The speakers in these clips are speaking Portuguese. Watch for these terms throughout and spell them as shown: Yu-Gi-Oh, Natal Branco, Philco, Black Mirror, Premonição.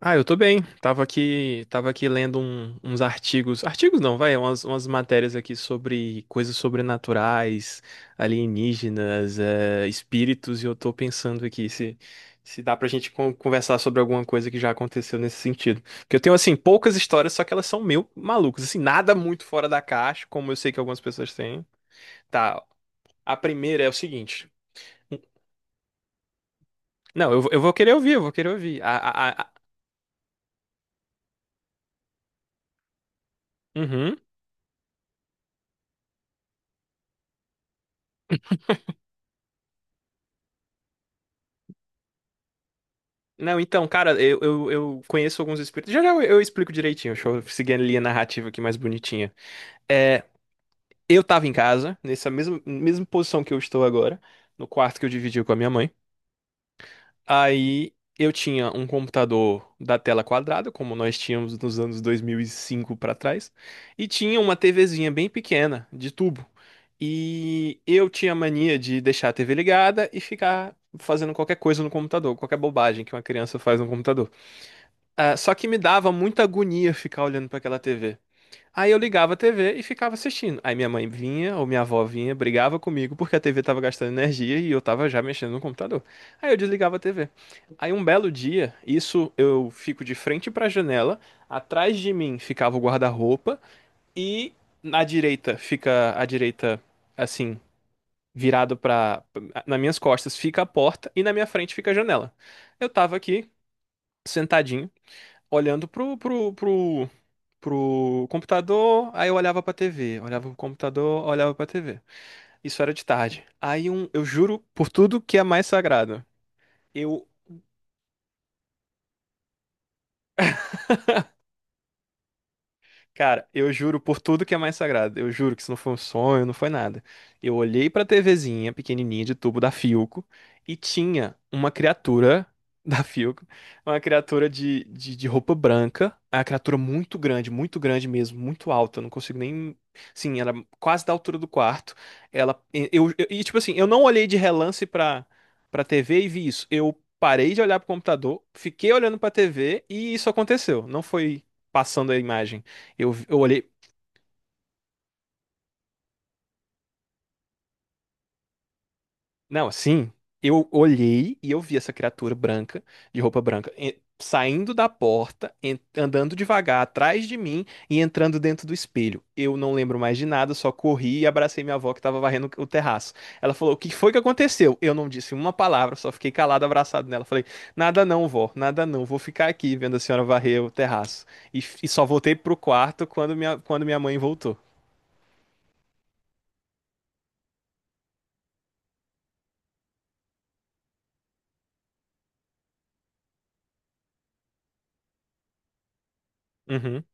Ah, eu tô bem. Tava aqui lendo uns artigos. Artigos não, vai, umas matérias aqui sobre coisas sobrenaturais, alienígenas, espíritos, e eu tô pensando aqui se dá pra gente conversar sobre alguma coisa que já aconteceu nesse sentido. Porque eu tenho, assim, poucas histórias, só que elas são meio malucas. Assim, nada muito fora da caixa, como eu sei que algumas pessoas têm. Tá, a primeira é o seguinte. Não, eu vou querer ouvir, eu vou querer ouvir. Uhum. Não, então, cara, eu conheço alguns espíritos. Já já eu explico direitinho. Deixa eu seguir a linha narrativa aqui mais bonitinha. É, eu tava em casa, nessa mesma, mesma posição que eu estou agora, no quarto que eu dividi com a minha mãe. Aí eu tinha um computador da tela quadrada, como nós tínhamos nos anos 2005 pra trás, e tinha uma TVzinha bem pequena, de tubo. E eu tinha mania de deixar a TV ligada e ficar fazendo qualquer coisa no computador, qualquer bobagem que uma criança faz no computador. Ah, só que me dava muita agonia ficar olhando pra aquela TV. Aí eu ligava a TV e ficava assistindo. Aí minha mãe vinha, ou minha avó vinha, brigava comigo porque a TV tava gastando energia e eu tava já mexendo no computador. Aí eu desligava a TV. Aí um belo dia, isso eu fico de frente pra janela, atrás de mim ficava o guarda-roupa e na direita fica a direita assim, virado pra. Nas minhas costas fica a porta e na minha frente fica a janela. Eu tava aqui sentadinho olhando pro computador, aí eu olhava pra TV, olhava pro computador, olhava pra TV. Isso era de tarde. Eu juro por tudo que é mais sagrado. Eu Cara, eu juro por tudo que é mais sagrado. Eu juro que isso não foi um sonho, não foi nada. Eu olhei pra TVzinha pequenininha de tubo da Philco e tinha uma criatura da Philco, uma criatura de roupa branca, uma criatura muito grande mesmo, muito alta. Eu não consigo nem. Sim, era quase da altura do quarto. Ela. E tipo assim, eu não olhei de relance pra TV e vi isso. Eu parei de olhar pro computador, fiquei olhando pra TV e isso aconteceu. Não foi passando a imagem. Eu olhei. Não, sim. Eu olhei e eu vi essa criatura branca, de roupa branca, saindo da porta, andando devagar atrás de mim e entrando dentro do espelho. Eu não lembro mais de nada, só corri e abracei minha avó que estava varrendo o terraço. Ela falou: O que foi que aconteceu? Eu não disse uma palavra, só fiquei calado, abraçado nela. Falei: Nada não, vó, nada não. Vou ficar aqui vendo a senhora varrer o terraço. E só voltei pro quarto quando minha mãe voltou. Uhum.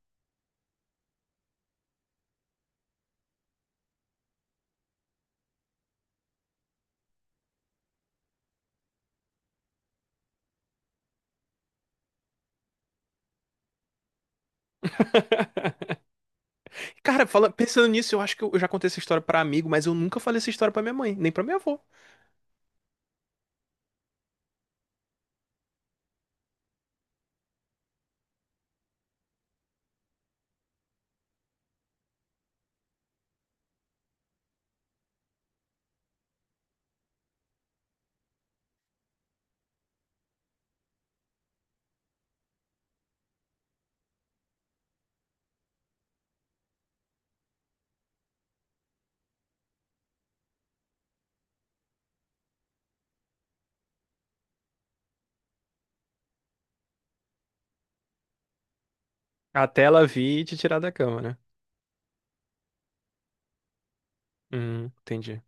Cara, pensando nisso, eu acho que eu já contei essa história pra amigo, mas eu nunca falei essa história pra minha mãe, nem pra minha avó. Até ela vir e te tirar da cama, né? Entendi.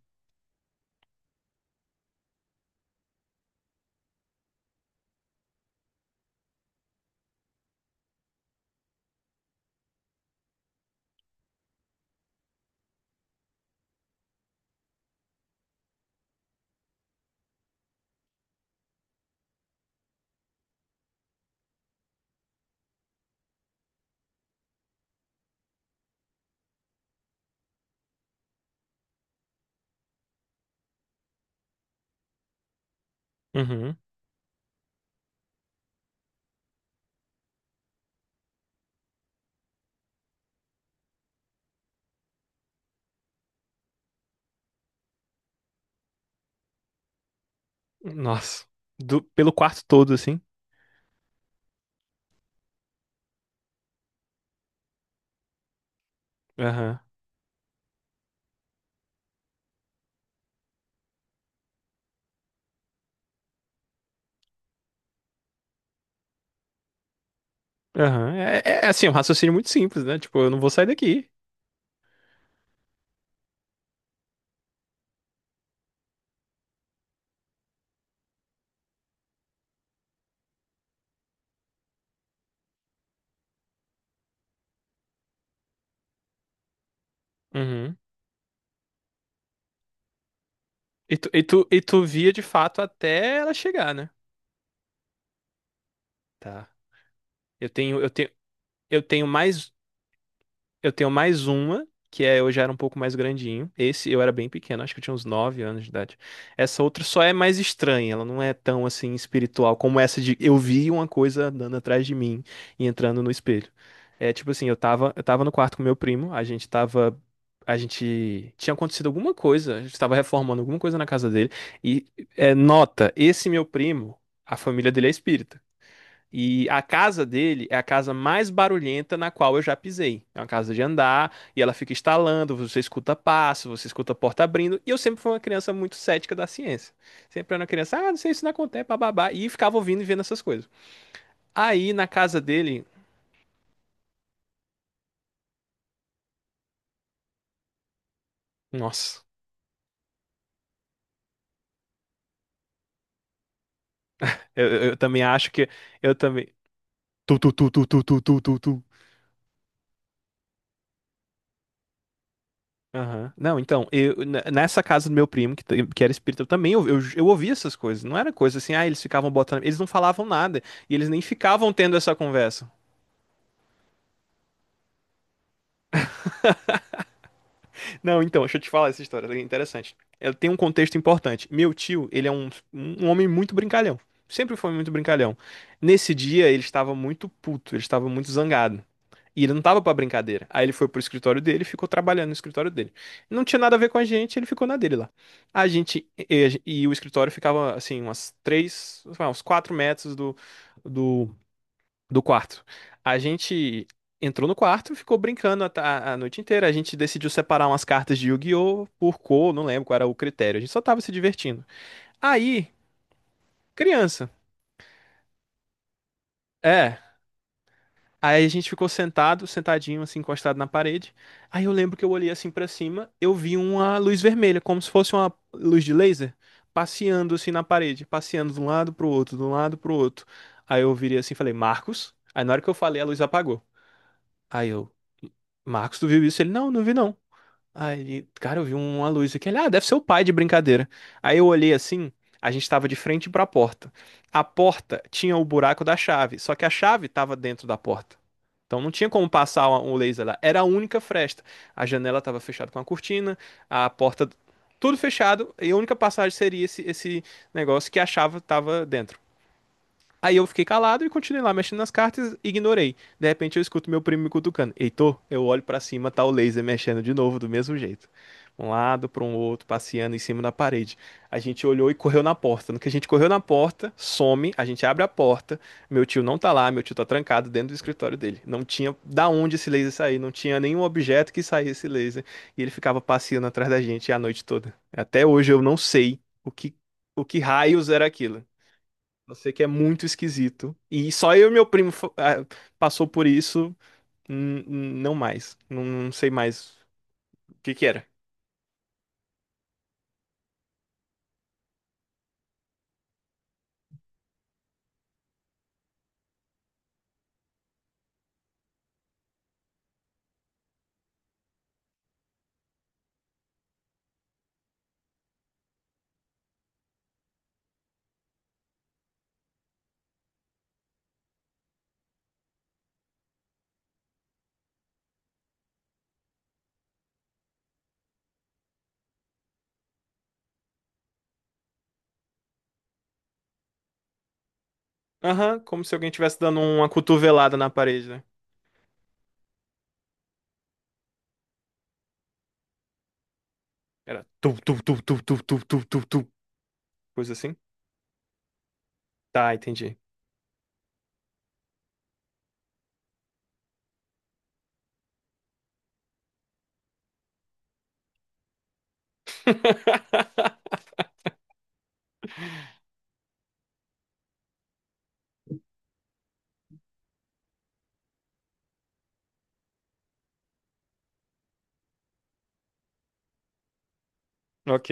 Uhum. Nossa. Pelo quarto todo, assim. Aham. Aham. É, assim, é um raciocínio muito simples, né? Tipo, eu não vou sair daqui. Uhum. E tu via de fato até ela chegar, né? Tá. Eu tenho, eu tenho, eu tenho mais. Eu tenho mais uma, que é eu já era um pouco mais grandinho. Esse eu era bem pequeno, acho que eu tinha uns 9 anos de idade. Essa outra só é mais estranha, ela não é tão assim espiritual como essa de eu vi uma coisa andando atrás de mim e entrando no espelho. É tipo assim, eu tava no quarto com meu primo, a gente tava. A gente tinha acontecido alguma coisa, a gente tava reformando alguma coisa na casa dele. E nota, esse meu primo, a família dele é espírita. E a casa dele é a casa mais barulhenta na qual eu já pisei. É uma casa de andar e ela fica estalando, você escuta passo, você escuta porta abrindo. E eu sempre fui uma criança muito cética da ciência. Sempre era uma criança, ah, não sei, isso não acontece, bababá. E ficava ouvindo e vendo essas coisas. Aí na casa dele, nossa, eu também acho que eu também. Tu, tu, tu, tu, tu, tu, tu, tu, tu. Aham. Não, então, nessa casa do meu primo, que era espírita, eu também eu ouvia essas coisas. Não era coisa assim, ah, eles ficavam botando. Eles não falavam nada. E eles nem ficavam tendo essa conversa. Não, então, deixa eu te falar essa história, é interessante. Ela tem um contexto importante. Meu tio, ele é um homem muito brincalhão. Sempre foi muito brincalhão. Nesse dia, ele estava muito puto, ele estava muito zangado. E ele não tava pra brincadeira. Aí ele foi pro escritório dele e ficou trabalhando no escritório dele. Não tinha nada a ver com a gente, ele ficou na dele lá. A gente. E o escritório ficava, assim, umas três, sei lá, uns 4 metros do do quarto. A gente entrou no quarto, ficou brincando a noite inteira. A gente decidiu separar umas cartas de Yu-Gi-Oh! Por cor, não lembro qual era o critério. A gente só tava se divertindo. Aí, criança, é. Aí a gente ficou sentado, sentadinho, assim, encostado na parede. Aí eu lembro que eu olhei assim pra cima, eu vi uma luz vermelha, como se fosse uma luz de laser, passeando assim na parede, passeando de um lado pro outro, de um lado pro outro. Aí eu virei assim e falei, Marcos. Aí na hora que eu falei, a luz apagou. Aí eu, Marcos, tu viu isso? Ele, não, não vi não. Aí, cara, eu vi uma luz aqui. Ele, ah, deve ser o pai de brincadeira. Aí eu olhei assim, a gente tava de frente pra porta. A porta tinha o buraco da chave, só que a chave tava dentro da porta. Então não tinha como passar o laser lá. Era a única fresta. A janela tava fechada com a cortina, a porta, tudo fechado, e a única passagem seria esse negócio que a chave tava dentro. Aí eu fiquei calado e continuei lá mexendo nas cartas, ignorei. De repente eu escuto meu primo me cutucando. Heitor, eu olho pra cima, tá o laser mexendo de novo, do mesmo jeito. Um lado pra um outro, passeando em cima da parede. A gente olhou e correu na porta. No que a gente correu na porta, some, a gente abre a porta. Meu tio não tá lá, meu tio tá trancado dentro do escritório dele. Não tinha da onde esse laser sair, não tinha nenhum objeto que saísse esse laser. E ele ficava passeando atrás da gente a noite toda. Até hoje eu não sei o que, o que raios era aquilo. Eu sei que é muito esquisito. E só eu e meu primo passou por isso. Hum. Não mais. Não, não sei mais o que que era. Aham, como se alguém tivesse dando uma cotovelada na parede, né? Era tu, tu, tu, tu, tu, tu, tu, tu, tu. Coisa assim. Tá, entendi. Ok.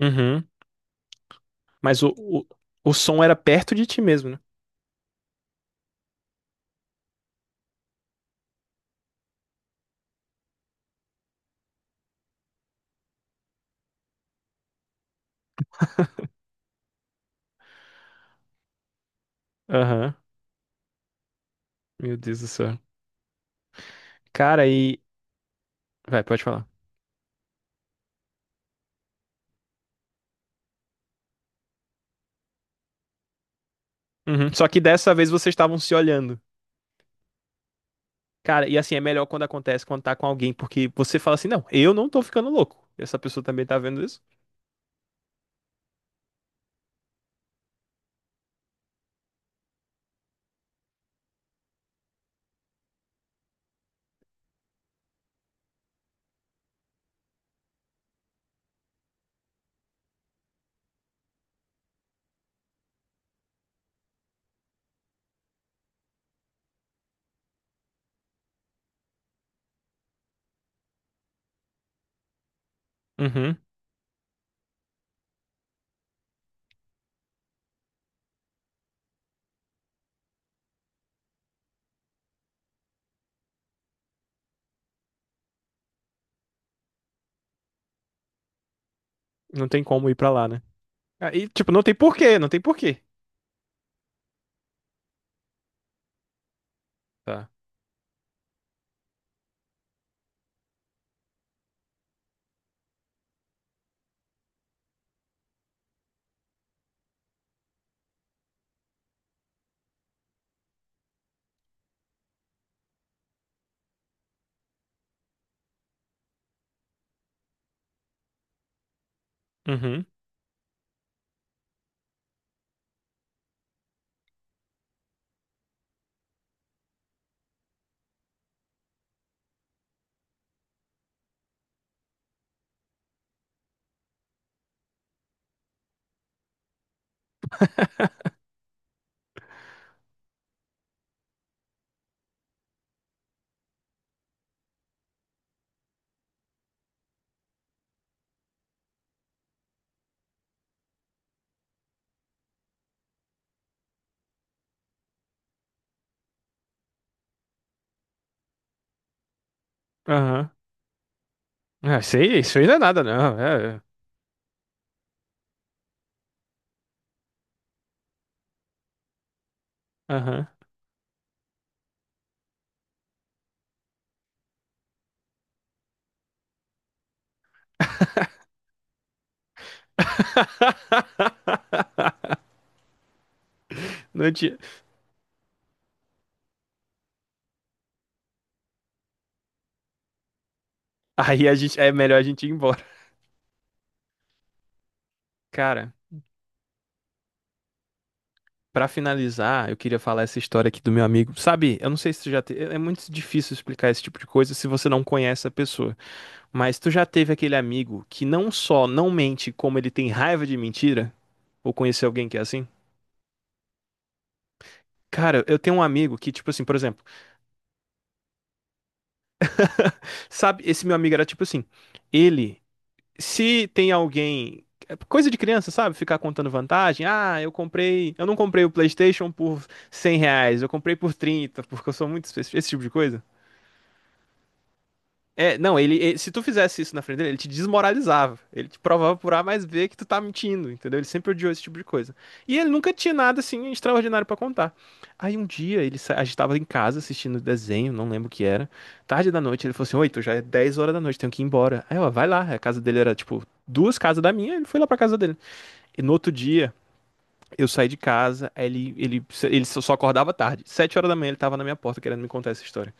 Uhum. Mas o som era perto de ti mesmo, né? Aham. Meu Deus do céu. Cara, e. Vai, pode falar. Uhum. Só que dessa vez vocês estavam se olhando. Cara, e assim, é melhor quando acontece, quando tá com alguém, porque você fala assim, não, eu não tô ficando louco. Essa pessoa também tá vendo isso? Uhum. Não tem como ir pra lá, né? Aí, tipo, não tem porquê, não tem porquê. Tá. Uhum. Aham. Ah, isso aí não é nada, não. É, é. Aham. Não tinha. Aí a gente, é melhor a gente ir embora. Cara, pra finalizar, eu queria falar essa história aqui do meu amigo. Sabe, eu não sei se você já te... É muito difícil explicar esse tipo de coisa se você não conhece a pessoa. Mas tu já teve aquele amigo que não só não mente, como ele tem raiva de mentira? Ou conhecer alguém que é assim? Cara, eu tenho um amigo que, tipo assim, por exemplo, sabe, esse meu amigo era tipo assim, ele, se tem alguém, é coisa de criança, sabe, ficar contando vantagem, ah, eu comprei, eu não comprei o PlayStation por R$ 100, eu comprei por 30 porque eu sou muito, esse tipo de coisa. É, não, se tu fizesse isso na frente dele, ele te desmoralizava. Ele te provava por A mais B que tu tá mentindo, entendeu? Ele sempre odiou esse tipo de coisa. E ele nunca tinha nada assim extraordinário pra contar. Aí um dia a gente tava em casa assistindo desenho, não lembro o que era. Tarde da noite, ele falou assim: "Oi, tu já é 10 horas da noite, tenho que ir embora". Aí, ó, vai lá. A casa dele era tipo duas casas da minha, ele foi lá pra casa dele. E no outro dia, eu saí de casa, aí ele só acordava tarde. 7 horas da manhã ele tava na minha porta querendo me contar essa história.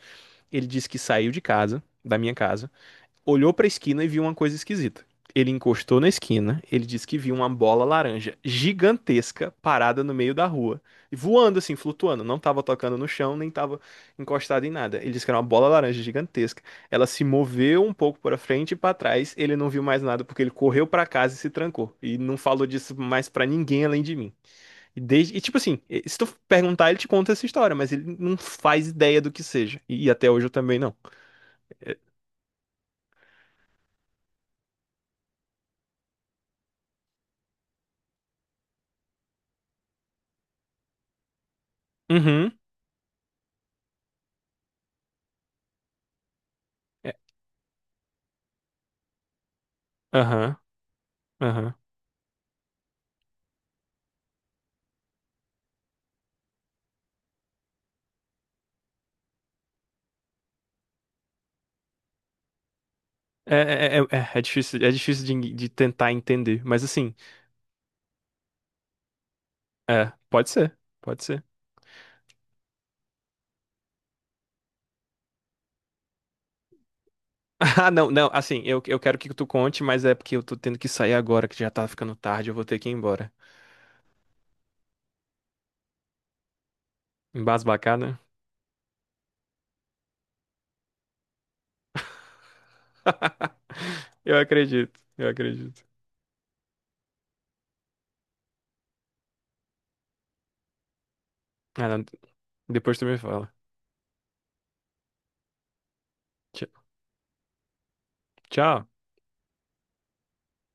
Ele disse que saiu de casa, da minha casa olhou pra esquina e viu uma coisa esquisita. Ele encostou na esquina, ele disse que viu uma bola laranja gigantesca parada no meio da rua, voando assim, flutuando, não tava tocando no chão, nem tava encostada em nada. Ele disse que era uma bola laranja gigantesca. Ela se moveu um pouco para frente e para trás, ele não viu mais nada porque ele correu para casa e se trancou e não falou disso mais para ninguém além de mim. E tipo assim, se tu perguntar, ele te conta essa história, mas ele não faz ideia do que seja. E até hoje eu também não. Uhum. É, Aham. Aham. É difícil, é difícil de tentar entender, mas assim, pode ser, pode ser. Ah, não, não, assim, eu quero que tu conte, mas é porque eu tô tendo que sair agora, que já tá ficando tarde, eu vou ter que ir embora. Embasbacada? Eu acredito, eu acredito. Ah, não, depois tu me fala. Tch- Tchau.